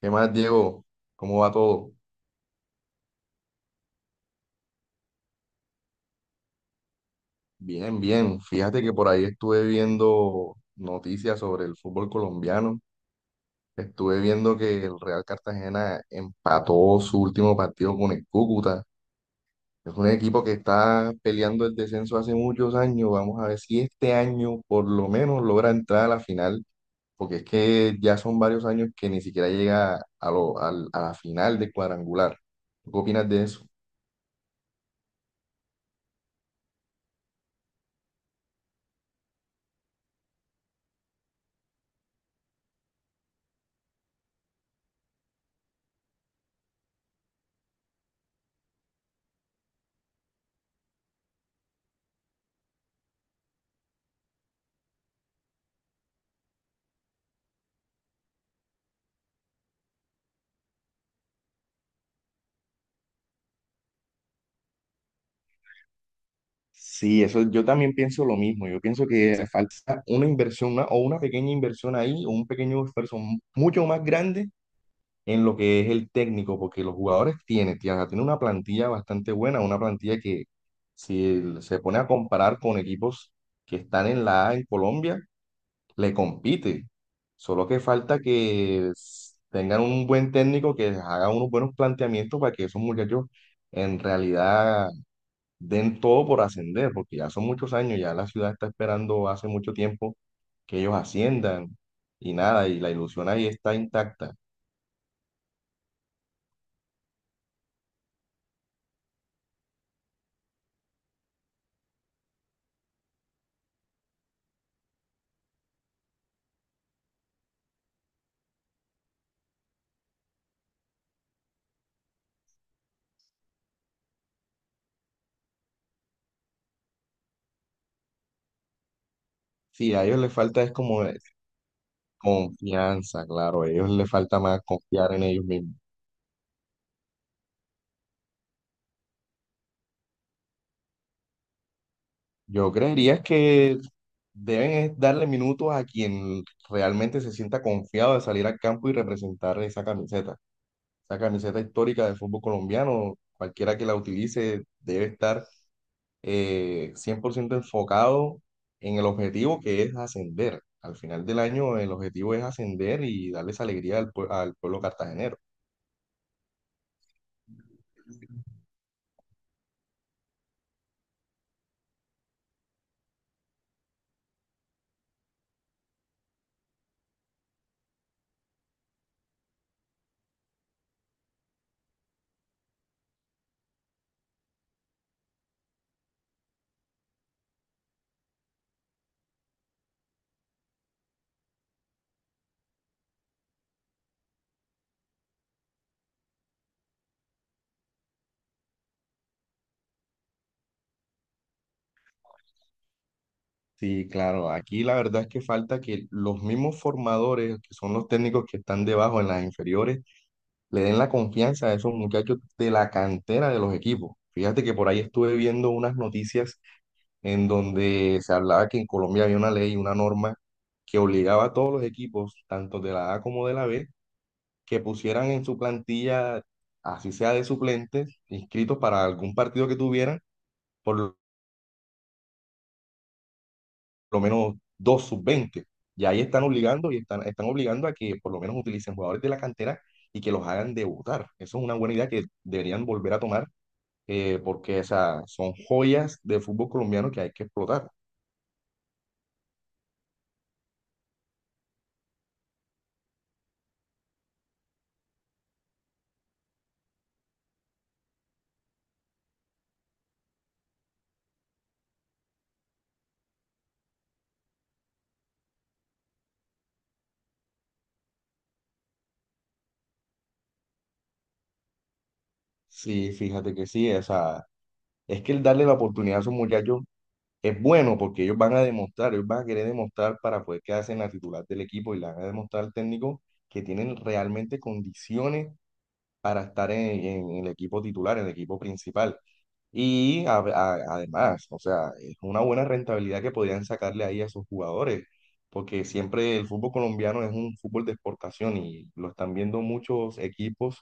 ¿Qué más, Diego? ¿Cómo va todo? Bien, bien. Fíjate que por ahí estuve viendo noticias sobre el fútbol colombiano. Estuve viendo que el Real Cartagena empató su último partido con el Cúcuta. Es un equipo que está peleando el descenso hace muchos años. Vamos a ver si este año por lo menos logra entrar a la final, porque es que ya son varios años que ni siquiera llega a la final de cuadrangular. ¿Qué opinas de eso? Sí, eso yo también pienso lo mismo. Yo pienso que falta una inversión o una pequeña inversión ahí o un pequeño esfuerzo mucho más grande en lo que es el técnico, porque los jugadores tienen, tía, tienen una plantilla bastante buena, una plantilla que si se pone a comparar con equipos que están en la A en Colombia, le compite. Solo que falta que tengan un buen técnico que les haga unos buenos planteamientos para que esos muchachos en realidad den todo por ascender, porque ya son muchos años, ya la ciudad está esperando hace mucho tiempo que ellos asciendan y nada, y la ilusión ahí está intacta. Sí, a ellos les falta es como es confianza, claro, a ellos les falta más confiar en ellos mismos. Yo creería que deben es darle minutos a quien realmente se sienta confiado de salir al campo y representar esa camiseta histórica del fútbol colombiano, cualquiera que la utilice debe estar 100% enfocado en el objetivo que es ascender. Al final del año el objetivo es ascender y darles alegría al pueblo cartagenero. Sí, claro, aquí la verdad es que falta que los mismos formadores, que son los técnicos que están debajo en las inferiores, le den la confianza a esos muchachos de la cantera de los equipos. Fíjate que por ahí estuve viendo unas noticias en donde se hablaba que en Colombia había una ley, una norma que obligaba a todos los equipos, tanto de la A como de la B, que pusieran en su plantilla, así sea de suplentes, inscritos para algún partido que tuvieran, por lo menos 2 sub-20. Y ahí están obligando y están obligando a que por lo menos utilicen jugadores de la cantera y que los hagan debutar. Eso es una buena idea que deberían volver a tomar, porque o sea, son joyas de fútbol colombiano que hay que explotar. Sí, fíjate que sí, o sea, es que el darle la oportunidad a esos muchachos es bueno porque ellos van a demostrar, ellos van a querer demostrar para poder quedarse en la titular del equipo y le van a demostrar al técnico que tienen realmente condiciones para estar en el equipo titular, en el equipo principal. Y además, o sea, es una buena rentabilidad que podrían sacarle ahí a esos jugadores, porque siempre el fútbol colombiano es un fútbol de exportación y lo están viendo muchos equipos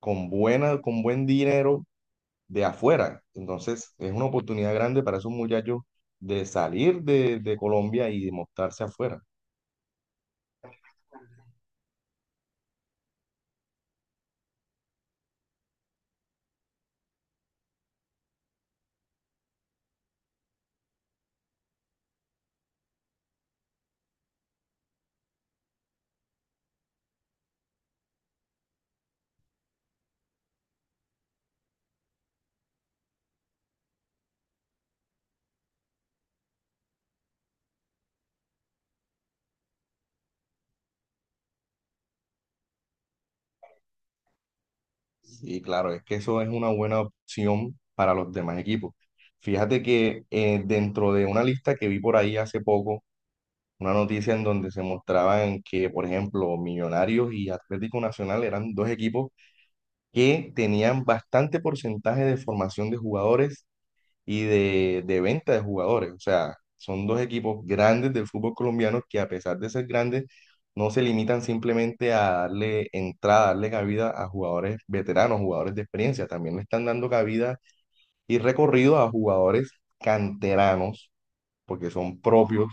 con buena, con buen dinero de afuera. Entonces, es una oportunidad grande para esos muchachos de salir de Colombia y de mostrarse afuera. Y claro, es que eso es una buena opción para los demás equipos. Fíjate que dentro de una lista que vi por ahí hace poco, una noticia en donde se mostraban que, por ejemplo, Millonarios y Atlético Nacional eran dos equipos que tenían bastante porcentaje de formación de jugadores y de venta de jugadores. O sea, son dos equipos grandes del fútbol colombiano que a pesar de ser grandes, no se limitan simplemente a darle entrada, darle cabida a jugadores veteranos, jugadores de experiencia. También le están dando cabida y recorrido a jugadores canteranos, porque son propios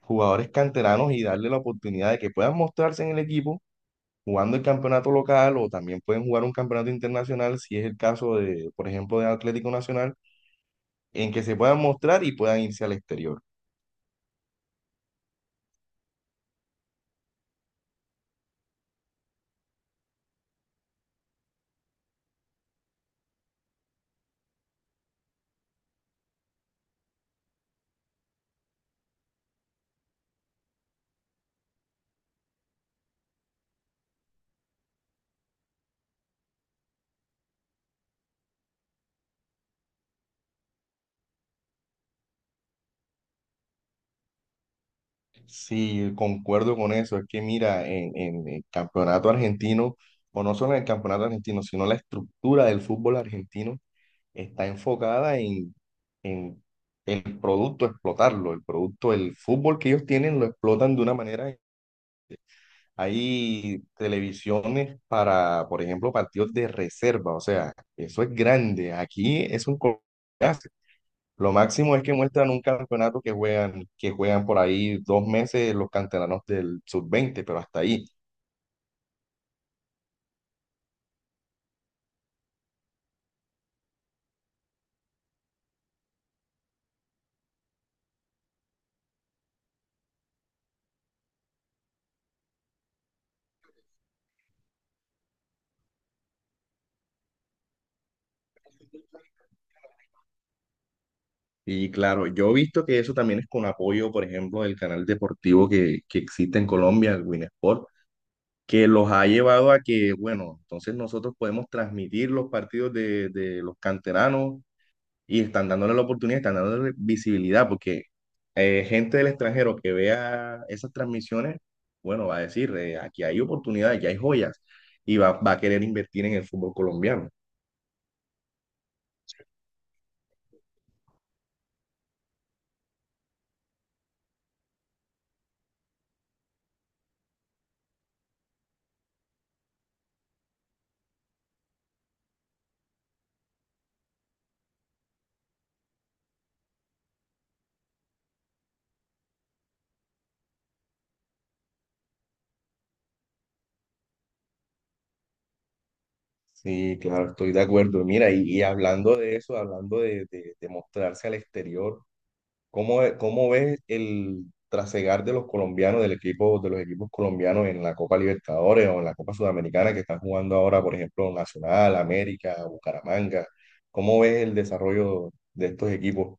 jugadores canteranos y darle la oportunidad de que puedan mostrarse en el equipo, jugando el campeonato local o también pueden jugar un campeonato internacional si es el caso de, por ejemplo, de Atlético Nacional en que se puedan mostrar y puedan irse al exterior. Sí, concuerdo con eso. Es que mira, en el campeonato argentino, o no solo en el campeonato argentino, sino la estructura del fútbol argentino está enfocada en el producto, explotarlo, el producto, el fútbol que ellos tienen lo explotan de una manera. Hay televisiones para, por ejemplo, partidos de reserva, o sea, eso es grande. Aquí es un. Lo máximo es que muestran un campeonato que juegan, por ahí 2 meses los canteranos del sub-20, pero hasta ahí. Y claro, yo he visto que eso también es con apoyo, por ejemplo, del canal deportivo que existe en Colombia, el Winsport, que los ha llevado a que, bueno, entonces nosotros podemos transmitir los partidos de los canteranos y están dándole la oportunidad, están dándole visibilidad, porque gente del extranjero que vea esas transmisiones, bueno, va a decir, aquí hay oportunidades, aquí hay joyas, y va a querer invertir en el fútbol colombiano. Sí, claro, estoy de acuerdo. Mira, y hablando de eso, hablando de mostrarse al exterior, ¿Cómo ves el trasegar de los colombianos, del equipo, de los equipos colombianos en la Copa Libertadores o en la Copa Sudamericana que están jugando ahora, por ejemplo, Nacional, América, Bucaramanga? ¿Cómo ves el desarrollo de estos equipos?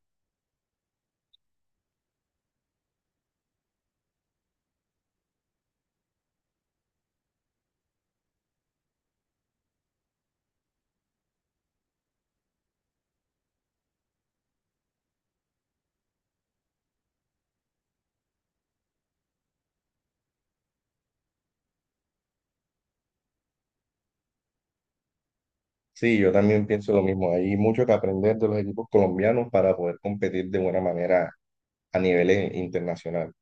Sí, yo también pienso lo mismo. Hay mucho que aprender de los equipos colombianos para poder competir de buena manera a niveles internacionales.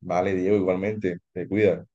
Vale, Diego, igualmente, te cuidas.